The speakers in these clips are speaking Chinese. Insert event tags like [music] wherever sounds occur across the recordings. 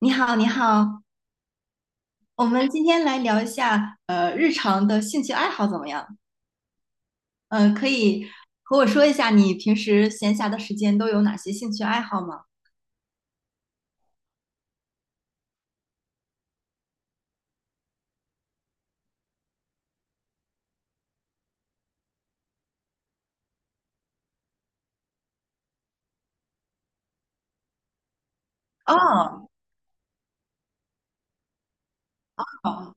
你好，你好，我们今天来聊一下日常的兴趣爱好怎么样？嗯、可以和我说一下你平时闲暇的时间都有哪些兴趣爱好吗？哦，好，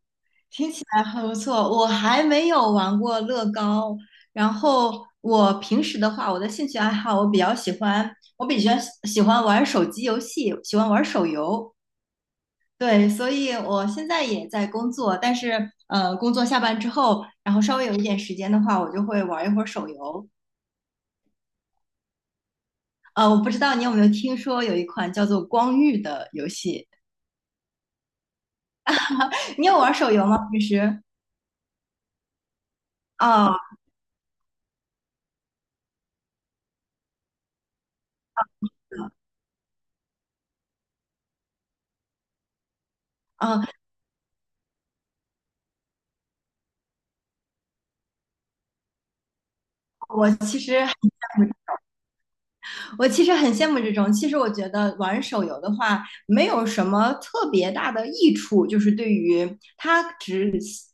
听起来很不错。我还没有玩过乐高，然后我平时的话，我的兴趣爱好我比较喜欢，我比较喜欢玩手机游戏，喜欢玩手游。对，所以我现在也在工作，但是工作下班之后，然后稍微有一点时间的话，我就会玩一会儿手游。我不知道你有没有听说有一款叫做《光遇》的游戏，你有玩手游吗？平时？啊啊，我其实还我其实很羡慕这种。其实我觉得玩手游的话，没有什么特别大的益处，就是对于它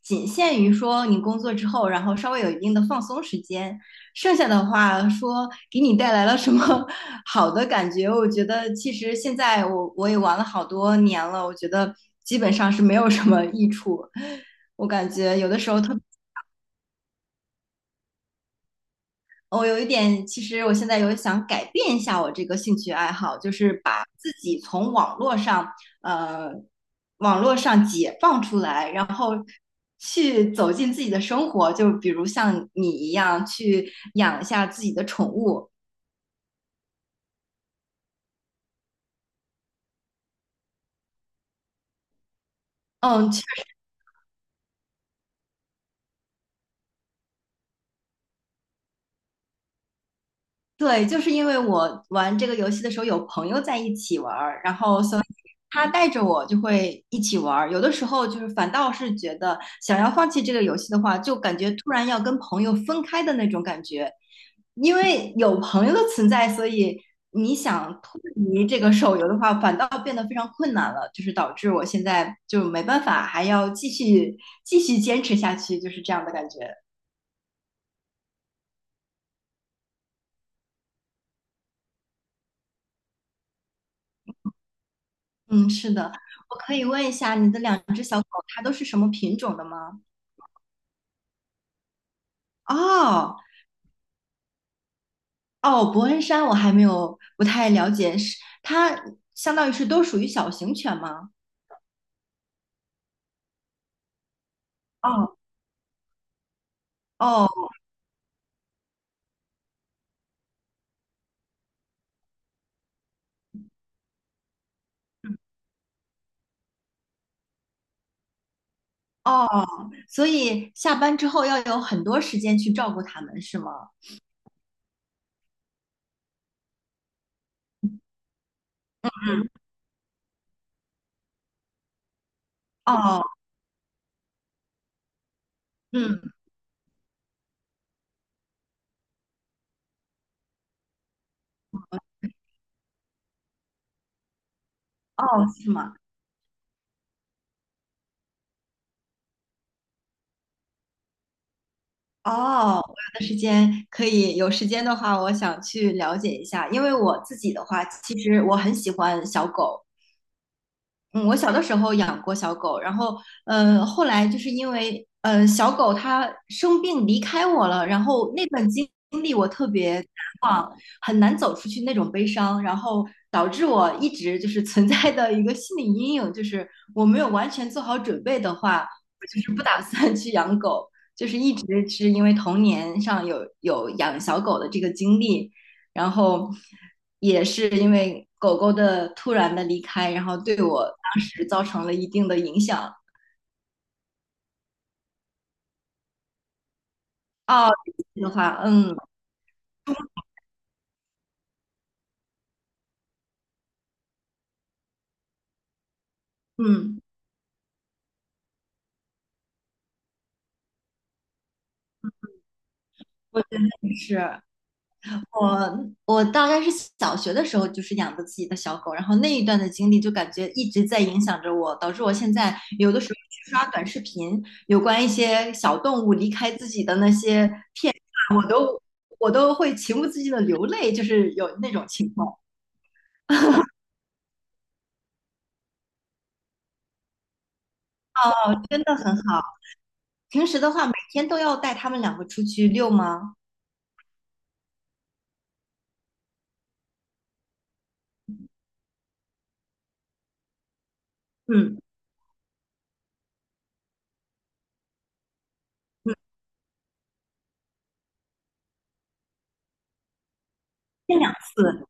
仅限于说你工作之后，然后稍微有一定的放松时间，剩下的话说给你带来了什么 [laughs] 好的感觉，我觉得其实现在我也玩了好多年了，我觉得基本上是没有什么益处。我感觉有的时候特别我有一点，其实我现在有想改变一下我这个兴趣爱好，就是把自己从网络上，呃，网络上解放出来，然后去走进自己的生活。就比如像你一样，去养一下自己的宠物，嗯，对，就是因为我玩这个游戏的时候有朋友在一起玩儿，然后所以他带着我就会一起玩儿。有的时候就是反倒是觉得想要放弃这个游戏的话，就感觉突然要跟朋友分开的那种感觉，因为有朋友的存在，所以你想脱离这个手游的话，反倒变得非常困难了，就是导致我现在就没办法，还要继续坚持下去，就是这样的感觉。嗯，是的，我可以问一下，你的两只小狗它都是什么品种的吗？哦哦，伯恩山我还没有不太了解，是它相当于是都属于小型犬吗？哦哦哦，所以下班之后要有很多时间去照顾它们，是吗？嗯，哦，嗯，哦，是吗？哦，我有的时间可以，有时间的话，我想去了解一下，因为我自己的话，其实我很喜欢小狗，嗯，我小的时候养过小狗，然后，后来就是因为，小狗它生病离开我了，然后那段经历我特别很难走出去那种悲伤，然后导致我一直就是存在的一个心理阴影，就是我没有完全做好准备的话，我就是不打算去养狗，就是一直是因为童年上有养小狗的这个经历，然后也是因为狗狗的突然的离开，然后对我当时造成了一定的影响。哦，这个的话，嗯嗯，我也是。我我大概是小学的时候就是养的自己的小狗，然后那一段的经历就感觉一直在影响着我，导致我现在有的时候去刷短视频，有关一些小动物离开自己的那些片段，我都会情不自禁的流泪，就是有那种情况，真的很好。平时的话，每天都要带他们两个出去遛吗？嗯嗯，1天2次。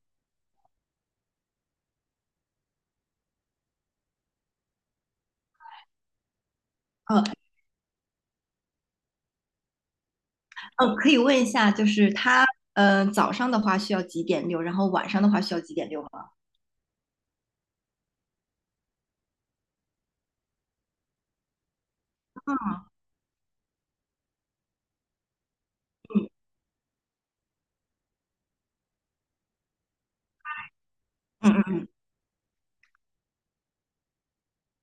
嗯嗯，可以问一下，就是他早上的话需要几点遛，然后晚上的话需要几点遛吗？嗯嗯嗯。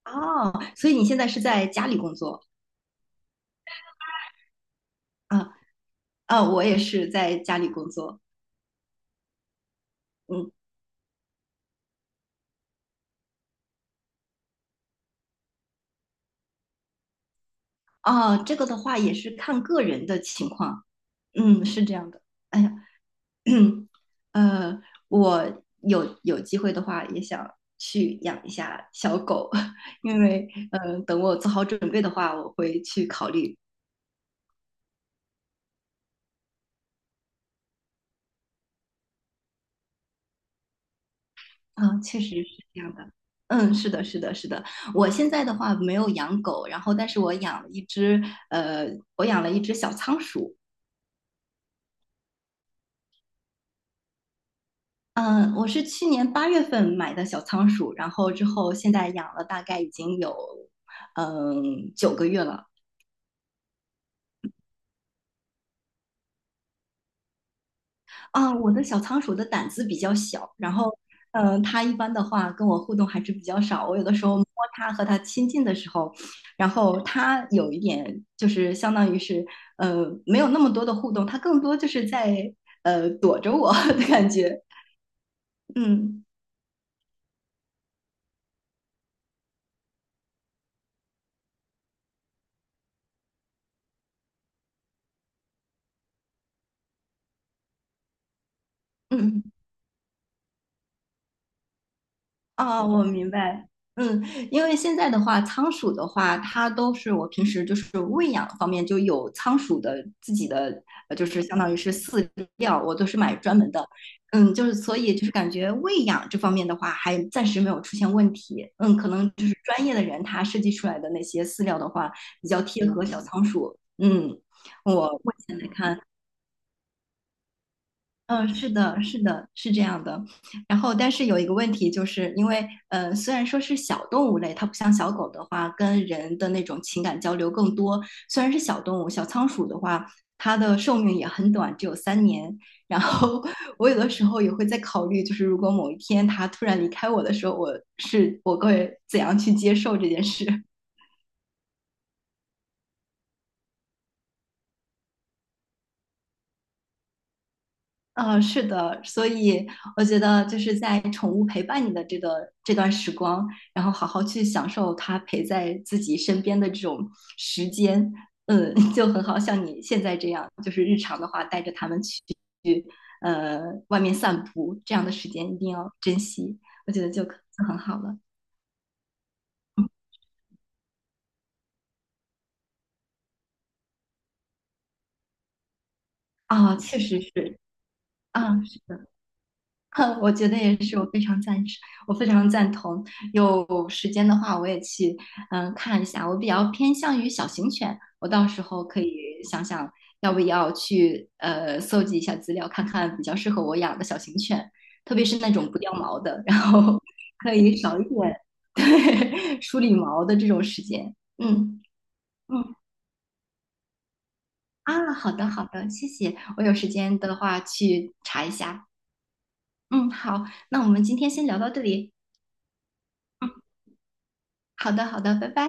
哦，所以你现在是在家里工作啊？啊，我也是在家里工作。嗯，啊，这个的话也是看个人的情况。嗯，是这样的。哎呀，[clears throat] 呃，我有机会的话也想去养一下小狗，[laughs] 因为等我做好准备的话，我会去考虑。啊，确实是这样的。嗯，是的，是的，是的。我现在的话没有养狗，然后但是我养了一只，呃，我养了一只小仓鼠。嗯，我是去年八月份买的小仓鼠，然后之后现在养了大概已经有9个月了。啊，我的小仓鼠的胆子比较小，然后嗯，它一般的话跟我互动还是比较少。我有的时候摸它和它亲近的时候，然后它有一点就是相当于是没有那么多的互动，它更多就是在躲着我 [laughs] 的感觉。嗯嗯。啊，我明白。嗯，因为现在的话，仓鼠的话，它都是我平时就是喂养方面就有仓鼠的自己的，就是相当于是饲料，我都是买专门的。嗯，就是所以就是感觉喂养这方面的话，还暂时没有出现问题。嗯，可能就是专业的人他设计出来的那些饲料的话，比较贴合小仓鼠。嗯，我目前来看。嗯，是的，是的，是这样的。然后，但是有一个问题，就是因为虽然说是小动物类，它不像小狗的话，跟人的那种情感交流更多。虽然是小动物，小仓鼠的话，它的寿命也很短，只有3年。然后，[laughs] 我有的时候也会在考虑，就是如果某一天它突然离开我的时候，我会怎样去接受这件事？嗯，是的，所以我觉得就是在宠物陪伴你的这个这段时光，然后好好去享受它陪在自己身边的这种时间，嗯，[laughs] 就很好，像你现在这样，就是日常的话带着它们去呃外面散步，这样的时间一定要珍惜，我觉得就很好了啊，确实是啊，是的。[laughs] 哼，我觉得也是，我非常赞成，我非常赞同。有时间的话，我也去看一下。我比较偏向于小型犬，我到时候可以想想要不要去搜集一下资料，看看比较适合我养的小型犬，特别是那种不掉毛的，然后 [laughs] 可以少一点 [laughs] 对梳理毛的这种时间。嗯嗯啊，好的好的，谢谢。我有时间的话去查一下。嗯，好，那我们今天先聊到这里。好的，好的，拜拜。